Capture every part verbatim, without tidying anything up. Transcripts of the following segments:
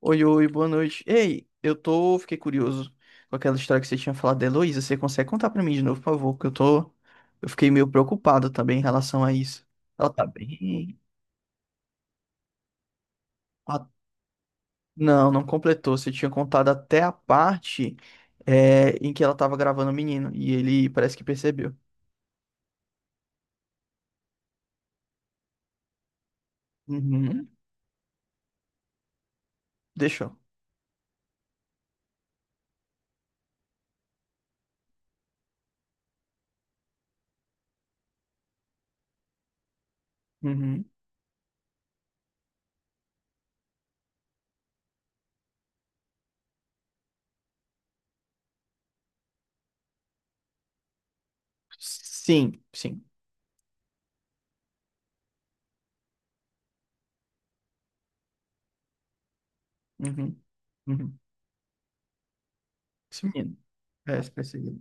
Oi, oi, boa noite. Ei, eu tô, fiquei curioso com aquela história que você tinha falado da Heloísa. Você consegue contar pra mim de novo, por favor? Que eu tô, eu fiquei meio preocupado também em relação a isso. Ela tá bem? Ah, não, não completou. Você tinha contado até a parte, é, em que ela tava gravando o menino e ele parece que percebeu. Uhum. Deixou. Uhum. Sim, sim. Uhum. Uhum. Esse menino. É, esse perseguido.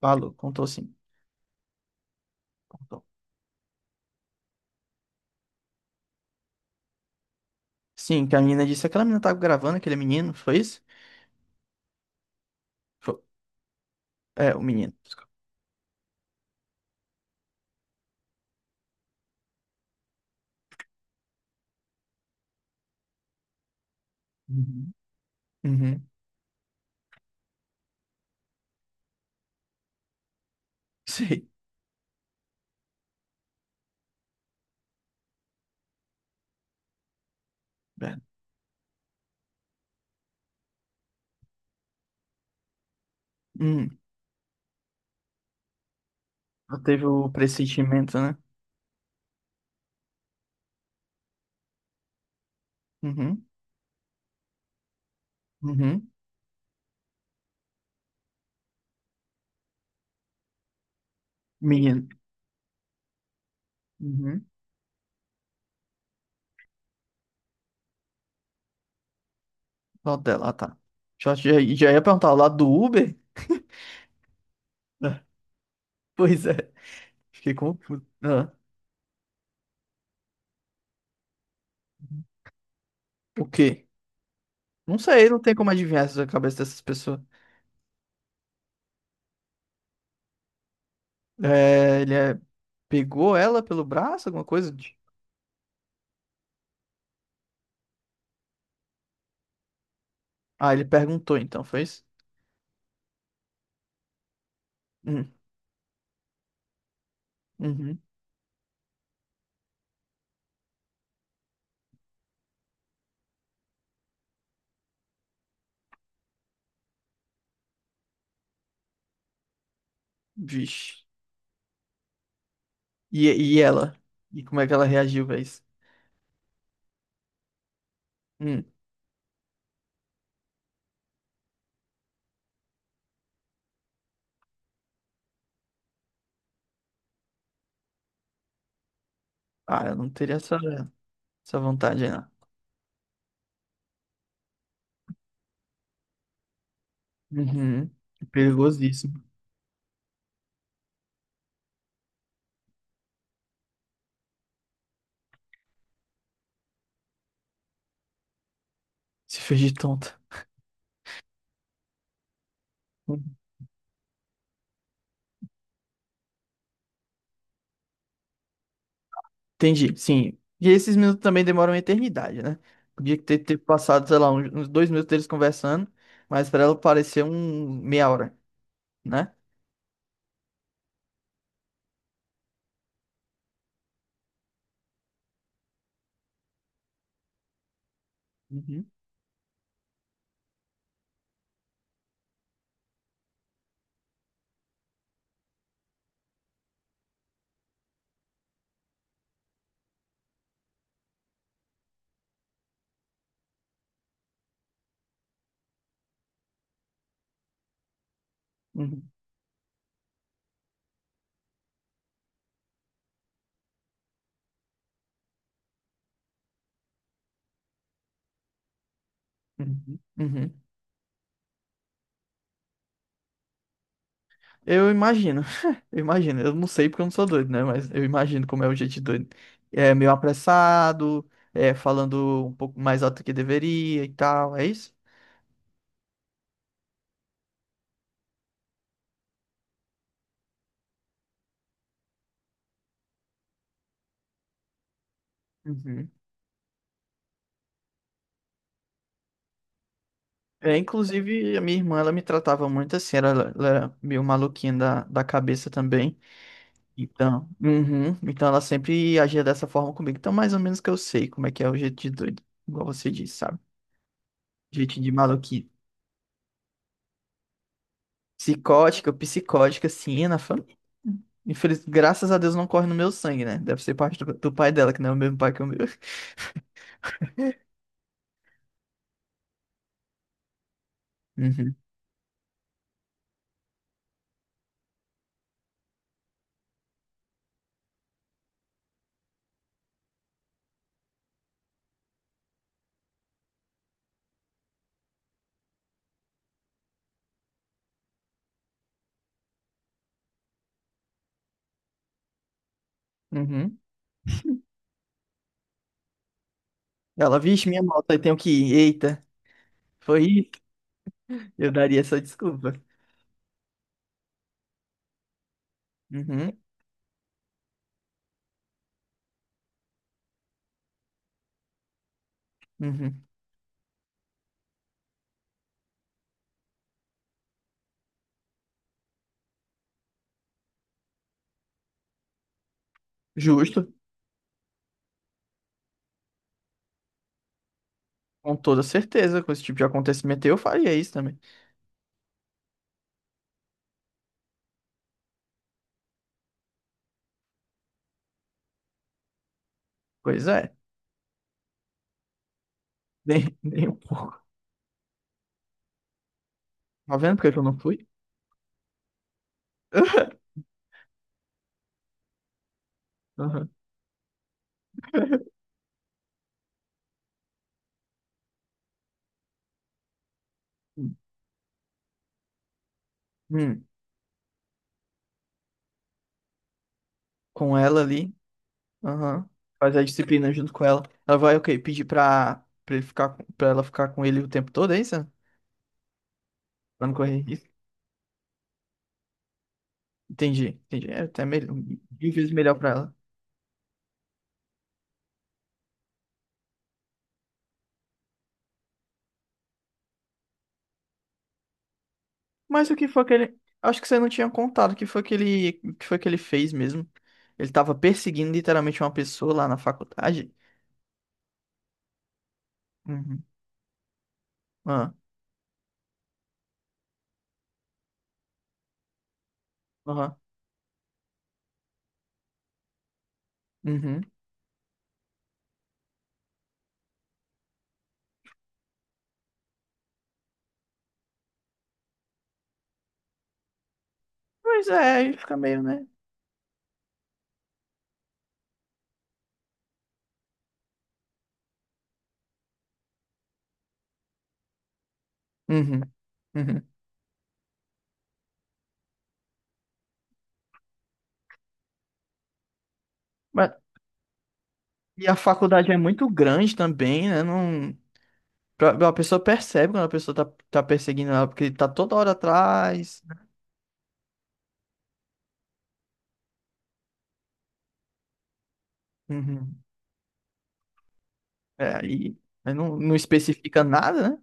Falou, contou sim. Contou. Sim, que a menina disse, aquela menina tava gravando aquele menino, foi isso? Foi- É, o menino. Desculpa. Uhum. Uhum. Sei. É. Hum. Ela teve o pressentimento, né? Uhum. Uhum. Menino. Uhum. Lado dela, ah, tá. Já, já, já ia perguntar, o lado do Uber? É. Pois é. Fiquei confuso. Ah. O quê? Não sei, não tem como adivinhar essa cabeça dessas pessoas. É, ele é- pegou ela pelo braço, alguma coisa? de- Ah, ele perguntou então, foi isso? Hum. Uhum. Vixe. E, e ela? E como é que ela reagiu pra isso? Hum. Ah, eu não teria essa, essa vontade aí, não. Uhum. É perigosíssimo. Se fez de tonta. Entendi, sim. E esses minutos também demoram uma eternidade, né? Podia ter, ter passado, sei lá, uns uns dois minutos deles conversando, mas pra ela pareceu um meia hora, né? Uhum, uhum, uhum, uhum. Eu imagino, eu imagino, eu não sei porque eu não sou doido, né? Mas eu imagino como é o jeito de doido. É meio apressado, é falando um pouco mais alto que deveria e tal, é isso? Uhum. É, inclusive, a minha irmã, ela me tratava muito assim, ela, ela era meio maluquinha da, da cabeça também. Então, uhum, então ela sempre agia dessa forma comigo. Então, mais ou menos que eu sei como é que é o jeito de doido, igual você disse, sabe? Jeito de maluquinho. Psicótica, psicótica, sim, na família. Infeliz. Graças a Deus não corre no meu sangue, né? Deve ser parte do, do pai dela, que não é o mesmo pai que o meu. Uhum, uhum. Ela, vixe, minha moto, aí tenho que ir. Eita, foi isso. Eu daria essa desculpa. Uhum, uhum. Justo, com toda certeza. Com esse tipo de acontecimento, eu faria isso também. Pois é, nem, nem um pouco. Tá vendo por que que eu não fui? Uhum. Hum, com ela ali. Aham. Faz a disciplina junto com ela. Ela vai, ok, pedir pra, pra ele ficar, com- pra ela ficar com ele o tempo todo, é isso? Pra não correr risco. Entendi, entendi. É até melhor, mil vezes melhor pra ela. Mas o que foi que ele. Acho que você não tinha contado o que foi que ele, o que foi que ele fez mesmo. Ele tava perseguindo literalmente uma pessoa lá na faculdade. Uhum. Ah, aham. Uhum. Pois é, aí fica meio, né? Uhum. Uhum. Mas, e a faculdade é muito grande também, né? Não. pra- A pessoa percebe quando a pessoa tá, tá perseguindo ela, porque tá toda hora atrás. Uhum. É, aí aí não, não especifica nada, né?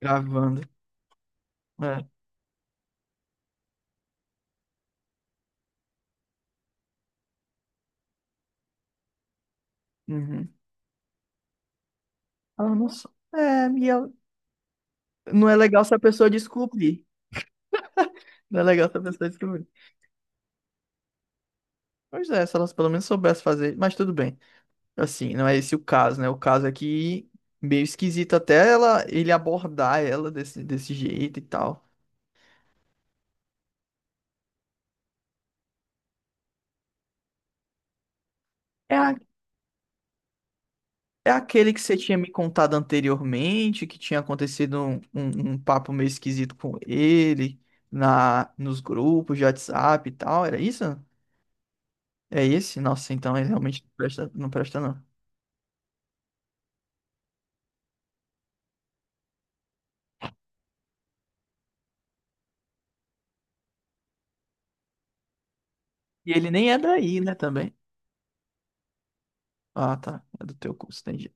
Gravando. É. Uhum. Ela não só. É, e ela- não é legal se a pessoa descobrir. Não é legal se a pessoa descobrir. Pois é, se elas pelo menos soubessem fazer, mas tudo bem. Assim, não é esse o caso, né? O caso é que meio esquisito até ela ele abordar ela desse, desse jeito e tal. É aquele que você tinha me contado anteriormente, que tinha acontecido um, um- um papo meio esquisito com ele na nos grupos de WhatsApp e tal, era isso? É esse? Nossa, então ele realmente não presta, não presta, não. E ele nem é daí, né, também? Ah, tá. É do teu curso, entendi.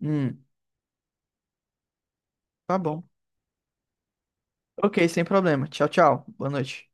Hum, tá bom. Ok, sem problema. Tchau, tchau. Boa noite.